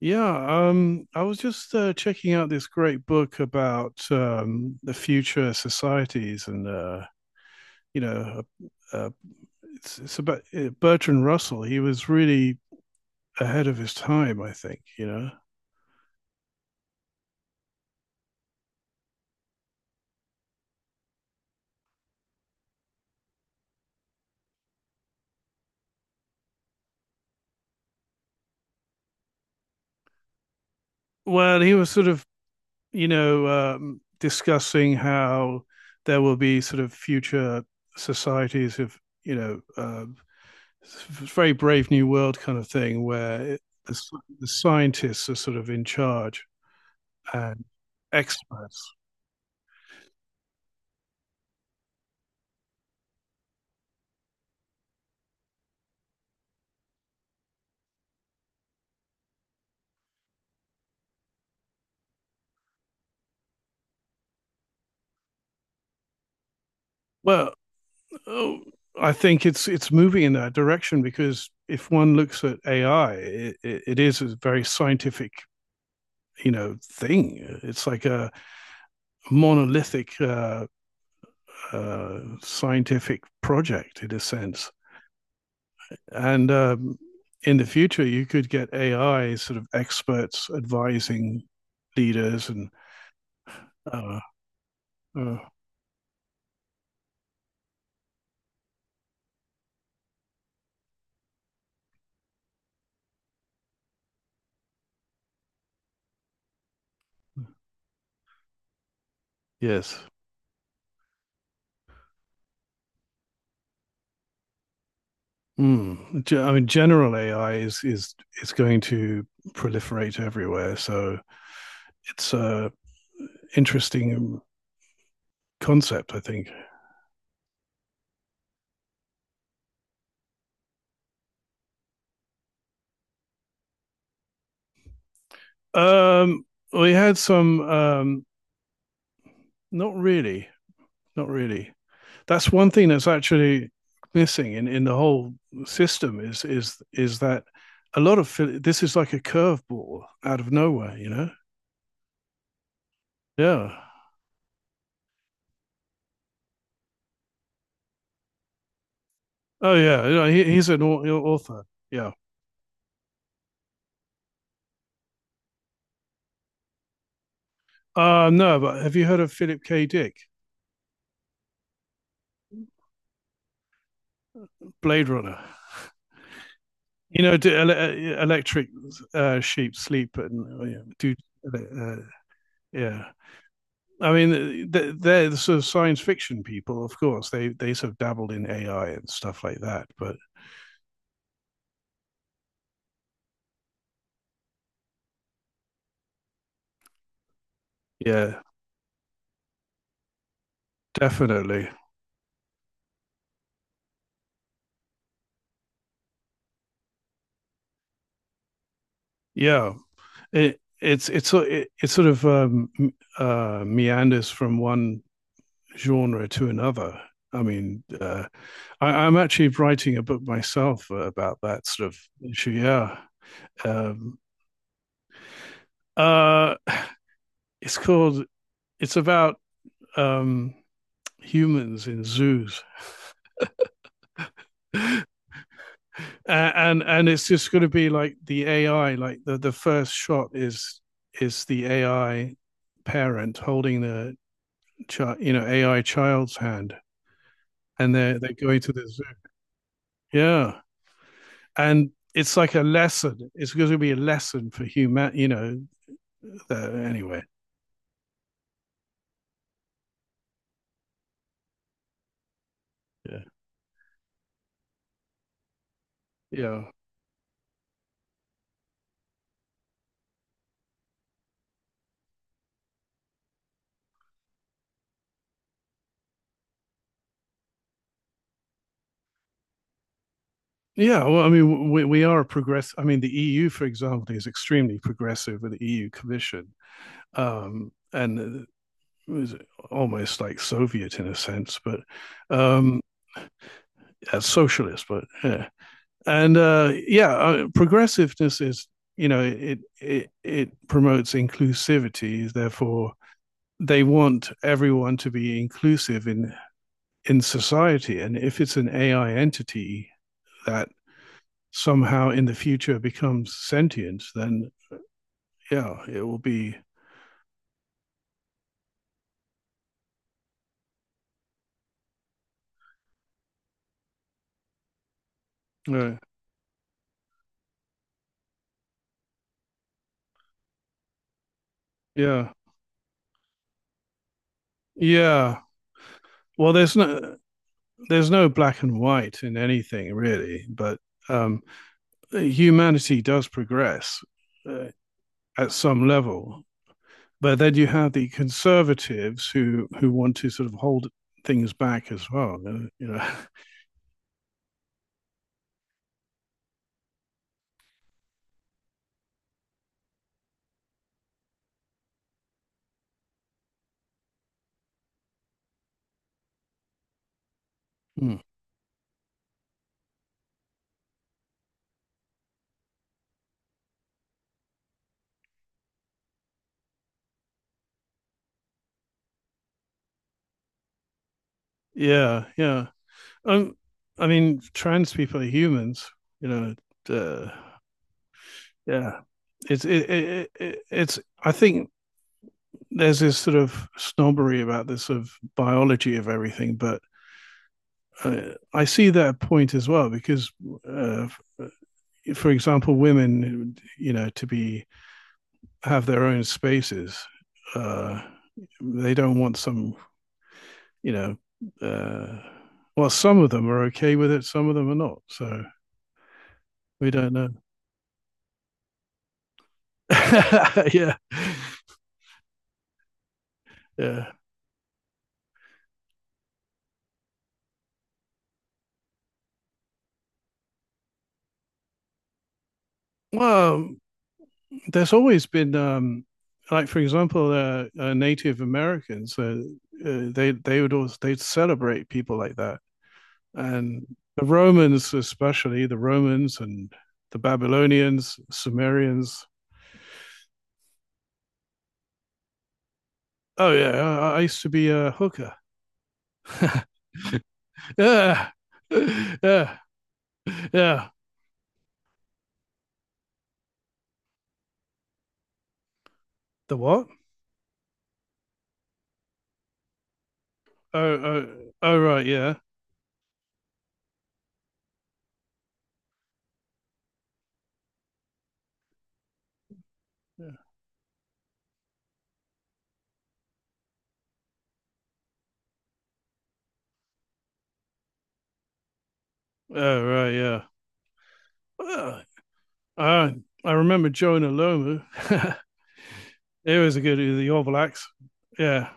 Yeah, I was just checking out this great book about the future societies, and uh, you know, uh, uh, it's it's about Bertrand Russell. He was really ahead of his time, I think. Well, he was sort of discussing how there will be sort of future societies of, you know, um, very brave new world kind of thing where the scientists are sort of in charge and experts. Well, oh, I think it's moving in that direction because if one looks at AI, it is a very scientific, you know, thing. It's like a monolithic scientific project in a sense. And in the future, you could get AI sort of experts advising leaders and uh, uh, yes. Mm. I mean, general AI is going to proliferate everywhere, so it's a interesting concept, I think. Um, we had some, not really, not really. That's one thing that's actually missing in the whole system is that a lot of this is like a curveball out of nowhere, you know? Yeah. Oh yeah, he's an author. Yeah. No, but have you heard of Philip K. Dick, Blade Runner? You know, do electric sheep sleep and yeah, do uh, yeah. I mean, they're the sort of science fiction people, of course. They sort of dabbled in AI and stuff like that, but yeah, definitely, yeah. It it's so- it sort of meanders from one genre to another. I mean, I'm actually writing a book myself about that sort of issue. Yeah, um, uh, it's called it's about um, humans in zoos, and, and it's just going to be like the AI. Like the first shot is the AI parent holding the child, you know, AI child's hand, and they're going to the zoo. Yeah, and it's like a lesson. It's going to be a lesson for human. You know, the, anyway. Yeah. Yeah. Yeah, well, I mean, we are a progress. I mean, the EU, for example, is extremely progressive with the EU Commission and it was almost like Soviet in a sense, but um, as socialist, but yeah. And progressiveness is, you know, it promotes inclusivity. Therefore, they want everyone to be inclusive in society. And if it's an AI entity that somehow in the future becomes sentient, then yeah, it will be, uh, yeah, yeah. Well, there's no black and white in anything really, but um, humanity does progress uh, at some level. But then you have the conservatives who want to sort of hold things back as well. You know, mm. Yeah, yeah. Um, I mean, trans people are humans. You know, uh, yeah. It's it, it, it, it's. I think there's this sort of snobbery about this sort of biology of everything, but I see that point as well because, uh, for example, women, you know, to be have their own spaces, uh, they don't want some, you know, uh, well, some of them are okay with it, some of them are not. So we don't know. Yeah, yeah. Well, there's always been, like for example, Native Americans. They would always they'd celebrate people like that. And the Romans, especially the Romans and the Babylonians, Sumerians. Oh yeah, I used to be a hooker. Yeah, yeah, yeah. The what? Oh, oh, oh, right, yeah. Yeah, oh, right, yeah. Oh, I I remember Jonah Lomu. He was a good the Orval Axe. Yeah,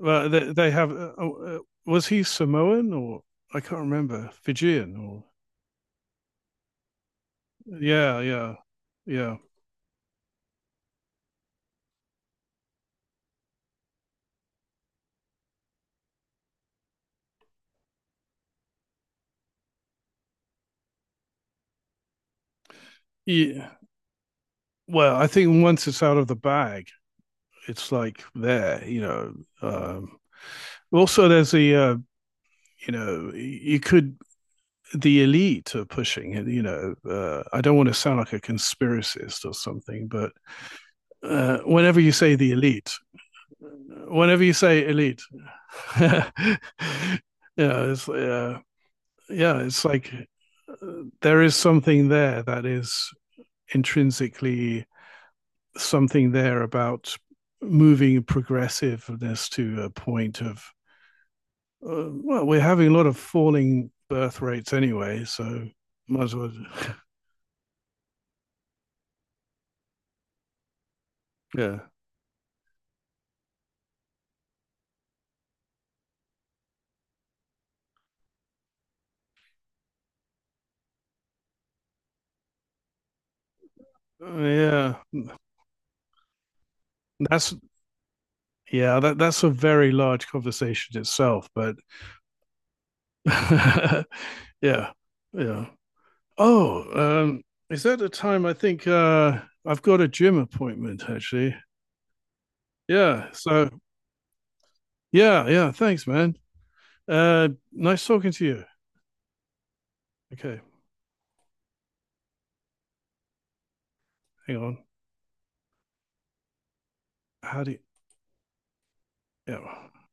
but they have. Oh, was he Samoan or I can't remember Fijian or yeah, yeah, yeah. Yeah. Well, I think once it's out of the bag, it's like there, you know. Um, Also, there's you know, you could, the elite are pushing it, you know. I don't want to sound like a conspiracist or something, but whenever you say the elite, whenever you say elite, yeah, it's, uh, yeah, it's like uh, there is something there that is intrinsically something there about moving progressiveness to a point of well, we're having a lot of falling birth rates anyway, so might as well. Yeah. Yeah, that's yeah, that's a very large conversation itself. But yeah, yeah. Oh, is that the time? I think I've got a gym appointment actually. Yeah. So yeah, yeah. Thanks, man. Nice talking to you. Okay, hang on. How do you, yeah.